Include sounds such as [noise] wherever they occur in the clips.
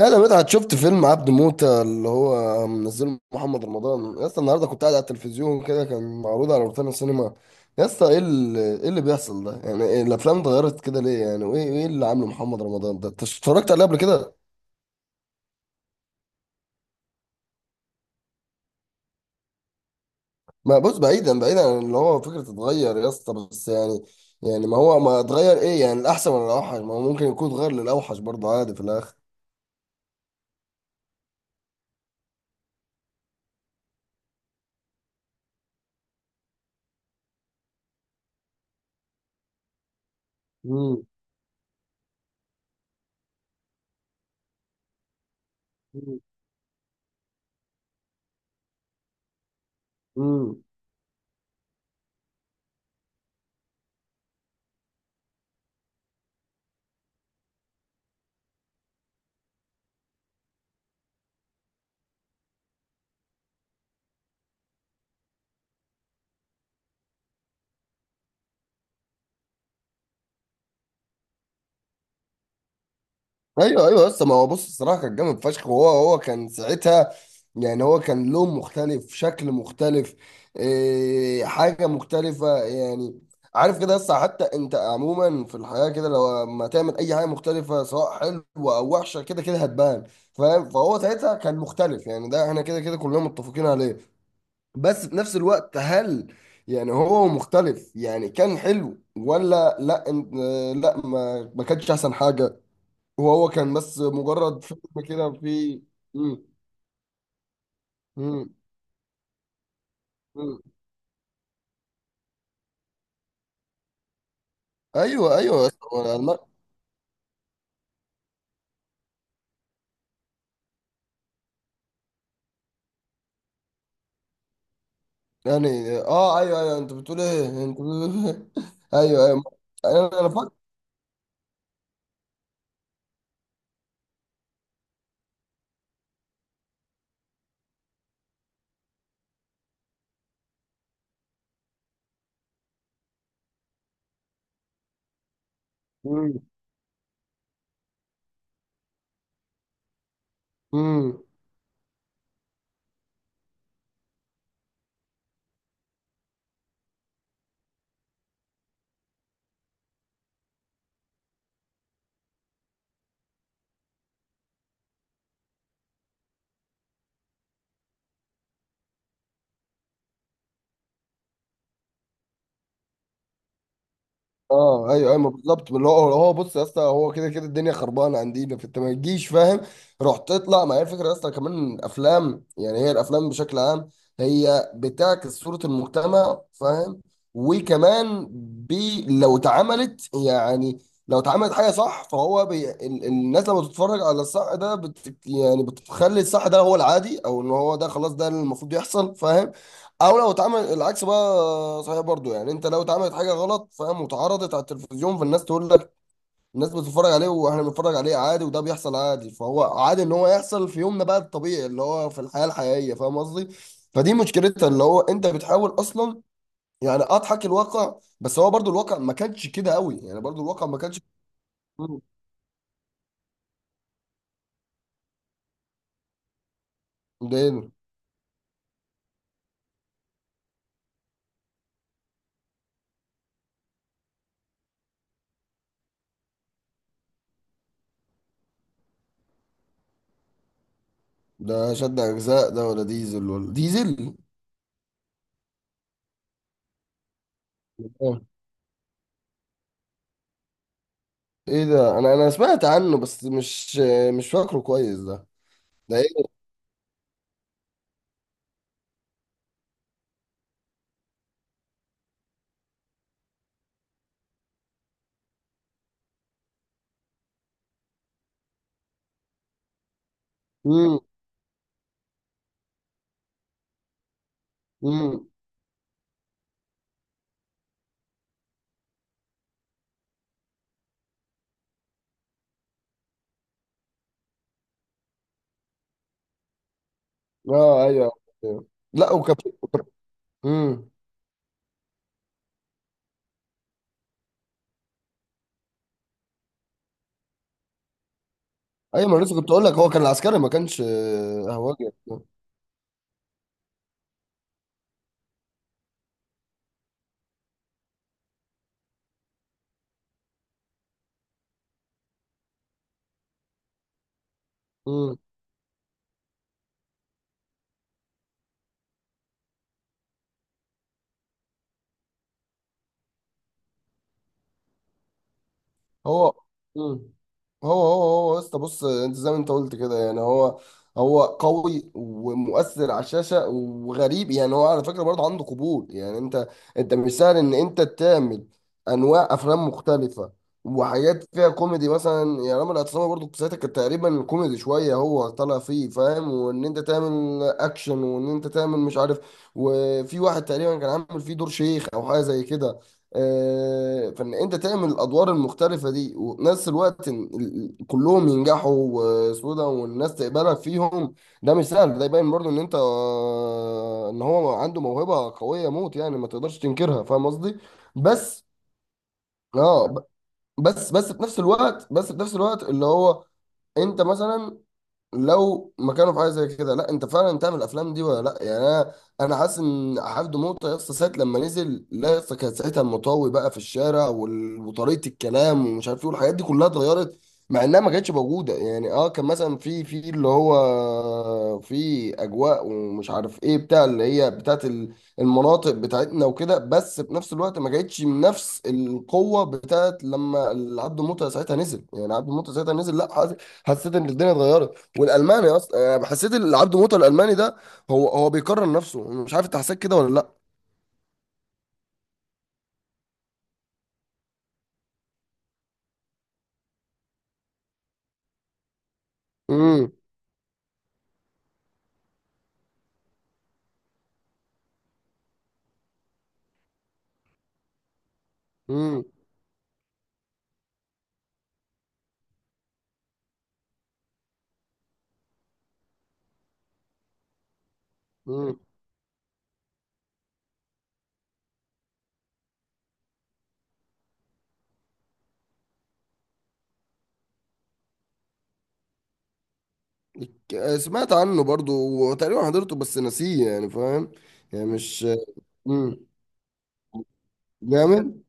يا ده مدحت، شفت فيلم عبد موتة اللي هو منزله محمد رمضان؟ يا اسطى، النهارده كنت قاعد على التلفزيون كده، كان معروض على روتانا السينما. يا اسطى، ايه اللي بيحصل ده؟ يعني إيه؟ الافلام اتغيرت كده ليه يعني؟ وايه اللي عامله محمد رمضان ده؟ انت اتفرجت عليه قبل كده؟ ما بص، بعيدا بعيدا عن اللي هو فكره اتغير يا اسطى، بس يعني. يعني ما هو ما اتغير ايه؟ يعني الاحسن ولا الاوحش؟ ما هو ممكن يكون اتغير للاوحش برضه، عادي في الاخر. امم. ايوه ايوه، بس ما هو بص، الصراحه كان جامد فشخ، وهو كان ساعتها. يعني هو كان لون مختلف، شكل مختلف. إيه، حاجه مختلفه يعني. عارف كده، بس حتى انت عموما في الحياه كده، لو ما تعمل اي حاجه مختلفه سواء حلوه او وحشه، كده كده هتبان، فاهم. فهو ساعتها كان مختلف يعني، ده احنا كده كده كلنا متفقين عليه. بس في نفس الوقت هل؟ يعني هو مختلف يعني، كان حلو ولا لا؟ لا، ما كانش احسن حاجه. وهو كان بس مجرد فيلم كده فيه. مم. مم. مم. ايوه ايوه، أصل هو يعني ايوه ايوه، انت بتقول ايه. [laughs] ايوه ايوه. انا فاكر. مم. مم. اه ايوه ايوه، ما بالظبط، اللي هو بص يا اسطى، هو كده كده الدنيا خربانه عندنا، فانت ما تجيش فاهم. روح تطلع، ما هي الفكره يا اسطى، كمان افلام يعني، هي الافلام بشكل عام هي بتعكس صوره المجتمع، فاهم. وكمان، لو اتعملت يعني، لو اتعملت حاجه صح، فهو الناس لما بتتفرج على الصح ده يعني بتخلي الصح ده هو العادي، او ان هو ده خلاص ده اللي المفروض يحصل، فاهم. او لو اتعمل العكس بقى صحيح برضو يعني، انت لو اتعملت حاجه غلط فاهم، واتعرضت على التلفزيون، فالناس تقول لك. الناس بتتفرج عليه، واحنا بنتفرج عليه عادي، وده بيحصل عادي، فهو عادي ان هو يحصل في يومنا، بقى الطبيعي اللي هو في الحياه الحقيقيه، فاهم قصدي. فدي مشكلتها، اللي هو انت بتحاول اصلا، يعني اضحك الواقع، بس هو برضو الواقع ما كانش كده قوي يعني، برضو الواقع ما كانش. مم. ده ايه ده؟ ده شد اجزاء ده ولا ديزل؟ آه. ايه ده، انا سمعت عنه بس مش فاكره كويس ده. ده إيه؟ امم. امم. اه ايوه. أيوة. لا، وكان. امم. ايوه، ما أنا لسه كنت اقول لك هو كان عسكري، ما كانش هواجي. امم. هو. مم. هو هو يا اسطى، بص، انت زي ما انت قلت كده يعني، هو هو قوي ومؤثر على الشاشه، وغريب يعني، هو على فكره برضه عنده قبول، يعني انت، انت مش سهل ان انت تعمل انواع افلام مختلفه، وحاجات فيها كوميدي مثلا، يعني رامي الاعتصامي برضه في ساعتها كان تقريبا كوميدي شويه هو طالع فيه، فاهم، وان انت تعمل اكشن، وان انت تعمل مش عارف، وفي واحد تقريبا كان عامل فيه دور شيخ او حاجه زي كده. فان انت تعمل الادوار المختلفه دي، ونفس الوقت إن كلهم ينجحوا وسودا والناس تقبلك فيهم، ده مش سهل، ده يبين برضو ان انت ان هو عنده موهبه قويه موت يعني، ما تقدرش تنكرها، فاهم قصدي. بس اه ب- بس بس في نفس الوقت بس في نفس الوقت اللي هو انت مثلا لو مكانه في حاجه زي كده، لا انت فعلا تعمل الافلام دي ولا لا، يعني انا حاسس ان حفظ موطى يا اسطى، ساعه لما نزل لا يا اسطى، كان ساعتها المطاوي بقى في الشارع، وطريقه الكلام ومش عارف ايه، والحاجات دي كلها اتغيرت. مع انها ما كانتش موجوده يعني، كان مثلا في اللي هو في اجواء ومش عارف ايه بتاع اللي هي بتاعت المناطق بتاعتنا وكده، بس في نفس الوقت ما كانتش نفس القوه بتاعت لما عبد موطى ساعتها نزل، يعني عبد موطى ساعتها نزل، لا حسيت ان الدنيا اتغيرت. والالماني اصلا، انا حسيت إن العبد موته الالماني ده هو بيكرر نفسه، مش عارف انت حسيت كده ولا لا. امم. امم. امم. سمعت عنه برضو وتقريبا حضرته بس نسيه يعني، فاهم. يعني مش. امم. جامد.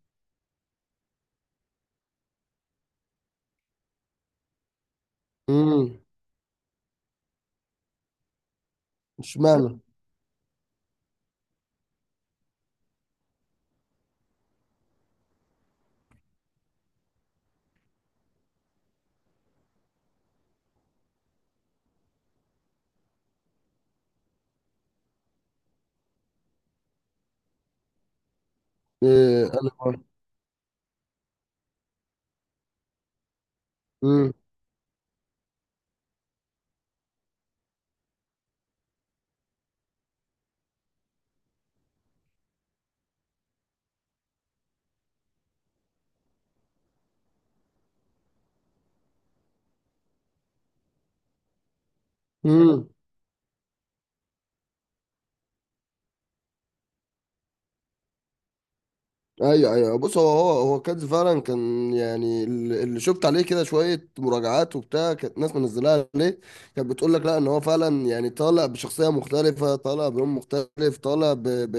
امم. اشمعنى؟ ايه، انا. امم. امم. ايوه ايوه، بص، هو كانز فعلا كان يعني، اللي شفت عليه كده شويه مراجعات وبتاع، كانت ناس منزلاها عليه. كانت بتقول لك لا، ان هو فعلا يعني طالع بشخصيه مختلفه، طالع بلون مختلف، طالع ب ب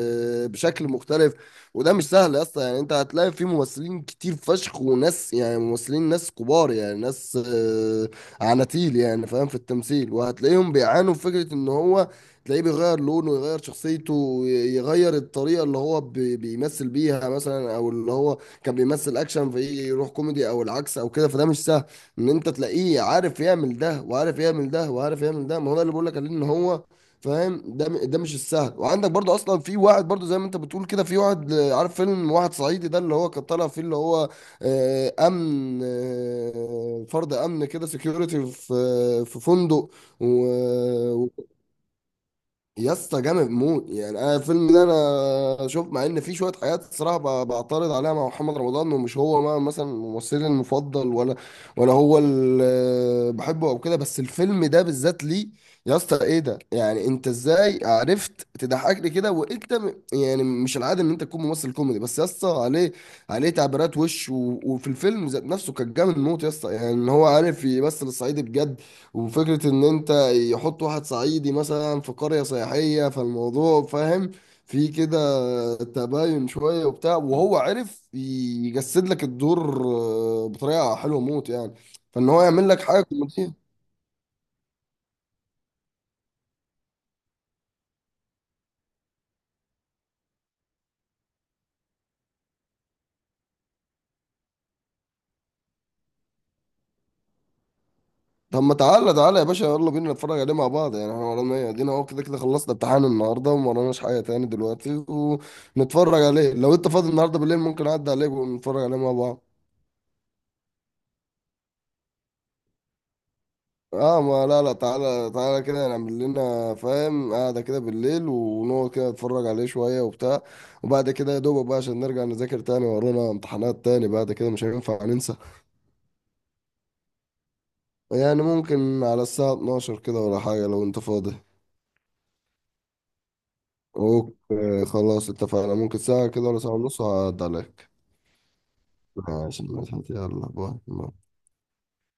بشكل مختلف. وده مش سهل يا اسطى يعني، انت هتلاقي في ممثلين كتير فشخ، وناس يعني، ممثلين، ناس كبار يعني، ناس عناتيل يعني، فاهم، في التمثيل، وهتلاقيهم بيعانوا في فكره ان هو تلاقيه بيغير لونه، يغير شخصيته، يغير الطريقة اللي هو بيمثل بيها مثلا، او اللي هو كان بيمثل اكشن فيجي يروح كوميدي او العكس او كده، فده مش سهل ان انت تلاقيه عارف يعمل ده، وعارف يعمل ده، وعارف يعمل ده، ما هو ده اللي بقول لك عليه ان هو، فاهم، ده مش السهل، وعندك برضو اصلا في واحد برضو زي ما انت بتقول كده، في واحد عارف فيلم واحد صعيدي ده اللي هو كان طالع فيه، اللي هو امن، فرد امن كده، سكيورتي في فندق. و- يا اسطى جامد موت يعني، انا الفيلم ده انا شوف، مع ان في شويه حاجات الصراحه بعترض عليها مع محمد رمضان، انه مش هو، ما مثلا ممثلي المفضل ولا، ولا هو اللي بحبه او كده، بس الفيلم ده بالذات ليه. يا اسطى ايه ده؟ يعني انت ازاي عرفت تضحكني كده وانت يعني مش العاده ان انت تكون ممثل كوميدي، بس يا اسطى عليه، عليه تعبيرات وش وفي الفيلم ذات نفسه كان جامد موت يا اسطى يعني، ان هو عارف يمثل الصعيدي بجد. وفكرة إن أنت يحط واحد صعيدي مثلا في قرية سياحية، فالموضوع فاهم، في كده تباين شوية وبتاع، وهو عرف يجسد لك الدور بطريقة حلوة موت يعني، فإن هو يعمل لك حاجة كوميدية. طب ما، تعالى تعالى يا باشا، يلا بينا نتفرج عليه مع بعض، يعني احنا ورانا ايه؟ ادينا اهو كده كده خلصنا امتحان النهارده، وما وراناش حاجه تاني دلوقتي، ونتفرج عليه لو انت فاضي النهارده بالليل، ممكن اعدي عليك ونتفرج عليه مع بعض. اه ما لا لا، تعالى تعالى كده نعمل لنا فاهم قاعدة كده بالليل، ونقعد كده نتفرج عليه شوية وبتاع، وبعد كده يا دوبك بقى عشان نرجع نذاكر تاني، ورانا امتحانات تاني بعد كده مش هينفع ننسى. يعني ممكن على الساعة 12 كده، ولا حاجة لو انت فاضي. اوكي خلاص اتفقنا، ممكن ساعة كده ولا ساعة ونص هعدي عليك. ماشي ماشي، يلا باي.